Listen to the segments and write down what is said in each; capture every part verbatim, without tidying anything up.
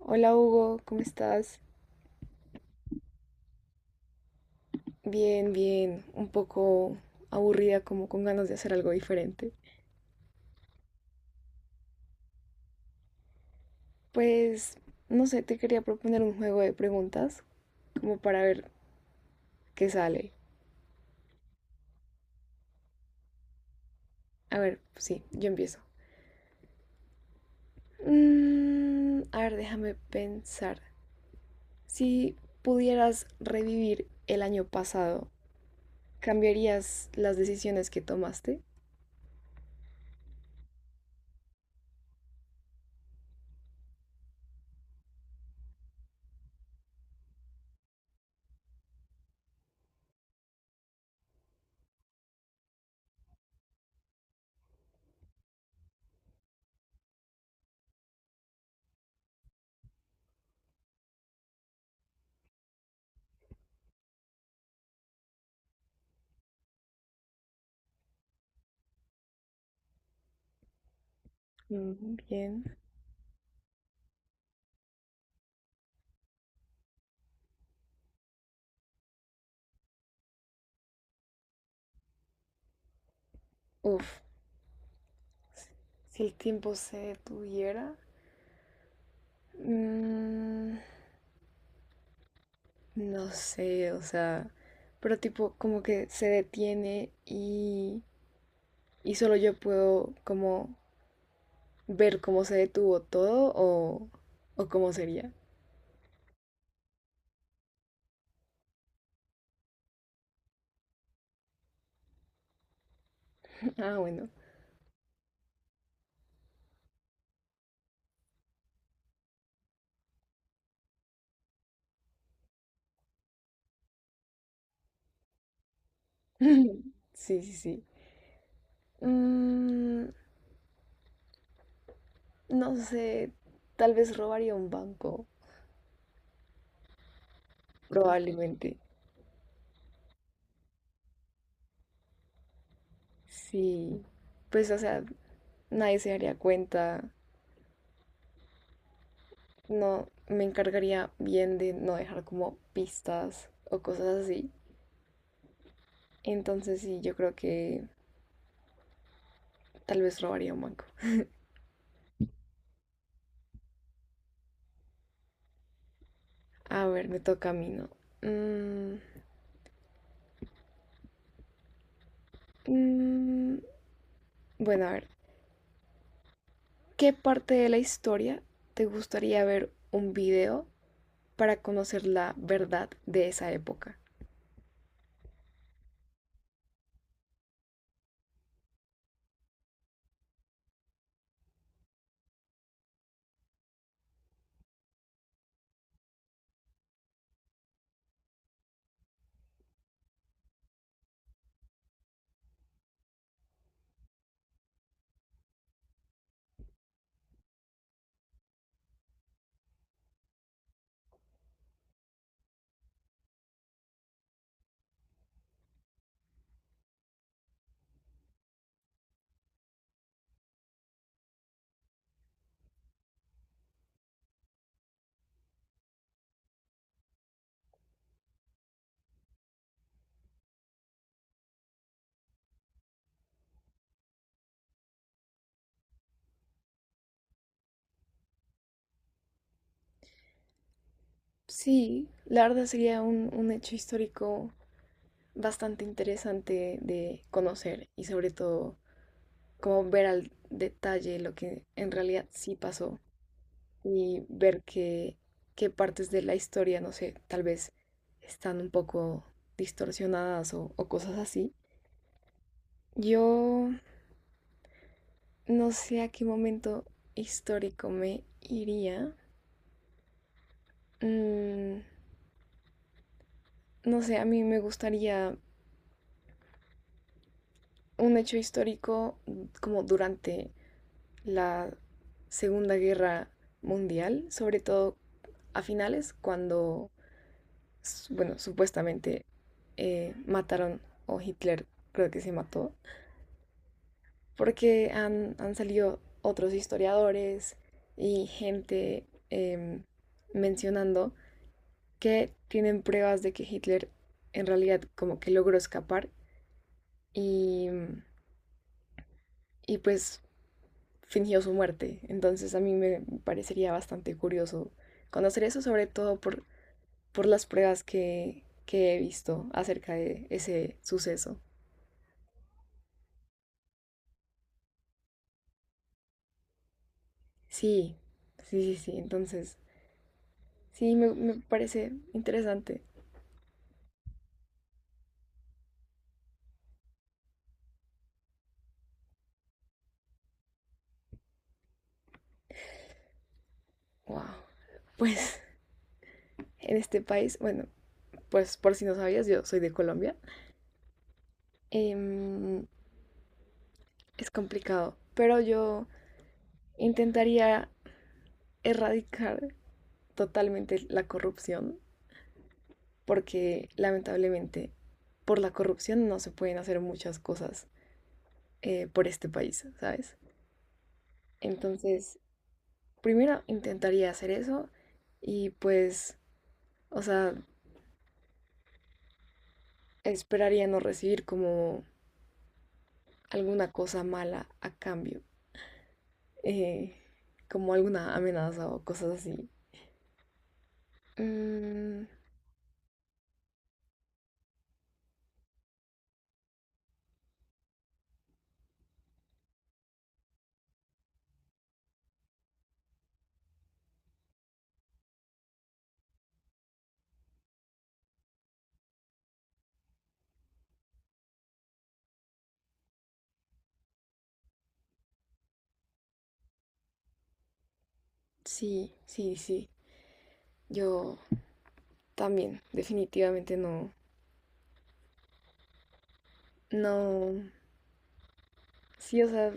Hola Hugo, ¿cómo estás? Bien, bien, un poco aburrida, como con ganas de hacer algo diferente. Pues, no sé, te quería proponer un juego de preguntas, como para ver qué sale. A ver, sí, yo empiezo. Mm, a ver, déjame pensar. Si pudieras revivir el año pasado, ¿cambiarías las decisiones que tomaste? Mm, Bien. Uf, si el tiempo se detuviera. mm, No sé, o sea, pero tipo como que se detiene y, y solo yo puedo como ver cómo se detuvo todo o, o cómo sería. Ah, bueno. Sí, sí, sí. Mm, no sé, tal vez robaría un banco, probablemente. Sí, pues o sea, nadie se daría cuenta. No, me encargaría bien de no dejar como pistas o cosas así. Entonces sí, yo creo que tal vez robaría un banco. A ver, me toca a mí, ¿no? Mm, mm, bueno, a ver, ¿qué parte de la historia te gustaría ver un video para conocer la verdad de esa época? Sí, la verdad sería un, un hecho histórico bastante interesante de conocer y sobre todo como ver al detalle lo que en realidad sí pasó y ver qué, qué partes de la historia, no sé, tal vez están un poco distorsionadas o, o cosas así. Yo no sé a qué momento histórico me iría. Mm, no sé, a mí me gustaría un hecho histórico como durante la Segunda Guerra Mundial, sobre todo a finales, cuando, bueno, supuestamente eh, mataron o Hitler creo que se mató porque han, han salido otros historiadores y gente em, mencionando que tienen pruebas de que Hitler en realidad como que logró escapar y, y pues fingió su muerte. Entonces a mí me parecería bastante curioso conocer eso, sobre todo por, por las pruebas que, que he visto acerca de ese suceso. Sí, sí, sí, sí. Entonces, sí, me, me parece interesante. Wow. Pues en este país, bueno, pues por si no sabías, yo soy de Colombia. Em, es complicado, pero yo intentaría erradicar totalmente la corrupción, porque lamentablemente por la corrupción no se pueden hacer muchas cosas eh, por este país, ¿sabes? Entonces, primero intentaría hacer eso y pues, o sea, esperaría no recibir como alguna cosa mala a cambio. eh, Como alguna amenaza o cosas así. Mm, sí, sí, sí. Yo también, definitivamente no. No. Sí, o sea,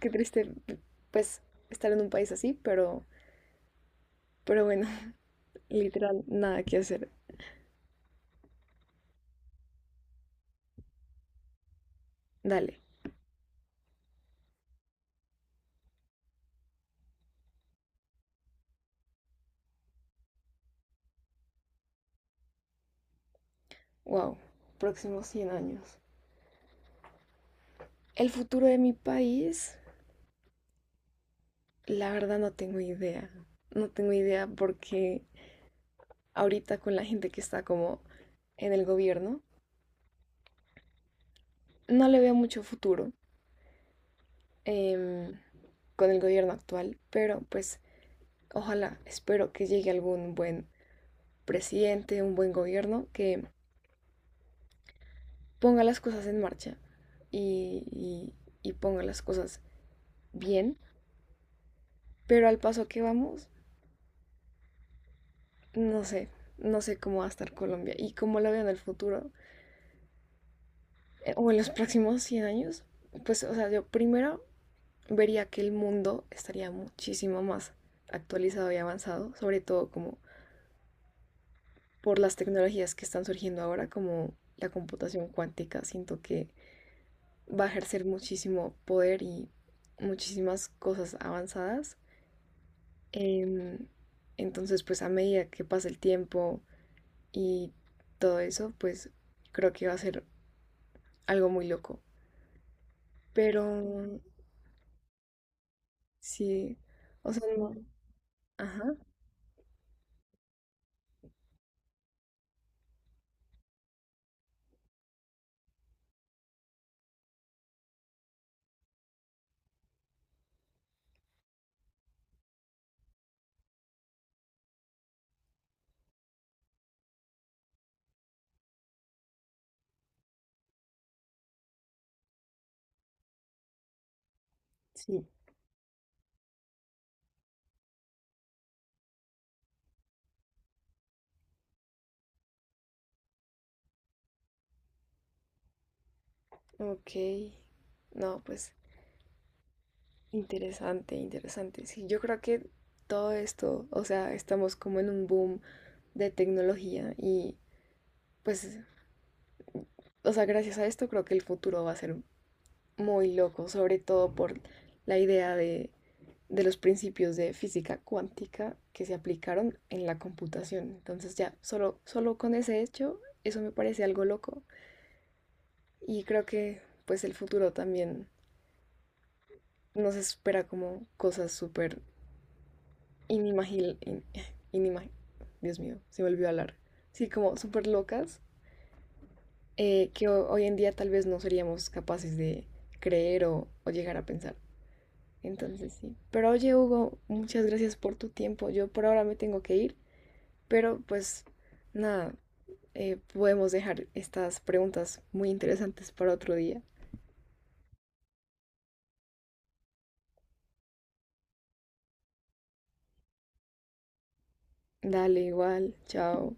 qué triste, pues, estar en un país así, pero, pero, bueno, literal, nada que hacer. Dale. Wow. Próximos cien años. El futuro de mi país, la verdad no tengo idea. No tengo idea porque ahorita con la gente que está como en el gobierno, no le veo mucho futuro em, con el gobierno actual, pero pues ojalá, espero que llegue algún buen presidente, un buen gobierno que ponga las cosas en marcha y, y- y ponga las cosas bien, pero al paso que vamos, no sé, no sé cómo va a estar Colombia y cómo la veo en el futuro eh, o en los próximos cien años. Pues, o sea, yo primero vería que el mundo estaría muchísimo más actualizado y avanzado, sobre todo como por las tecnologías que están surgiendo ahora, como la computación cuántica, siento que va a ejercer muchísimo poder y muchísimas cosas avanzadas. Em, entonces, pues a medida que pasa el tiempo y todo eso, pues creo que va a ser algo muy loco. Pero sí, o sea, no. Ajá, sí. Ok. No, pues interesante, interesante. Sí, yo creo que todo esto, o sea, estamos como en un boom de tecnología y pues, o sea, gracias a esto creo que el futuro va a ser muy loco, sobre todo por la idea de, de los principios de física cuántica que se aplicaron en la computación. Entonces ya, solo, solo con ese hecho, eso me parece algo loco y creo que pues el futuro también nos espera como cosas súper inimaginables. In, inimag- Dios mío, se me olvidó hablar. Sí, como súper locas eh, que ho- hoy en día tal vez no seríamos capaces de creer o, o llegar a pensar. Entonces sí. Pero oye, Hugo, muchas gracias por tu tiempo. Yo por ahora me tengo que ir, pero pues nada, eh, podemos dejar estas preguntas muy interesantes para otro día. Dale, igual, chao.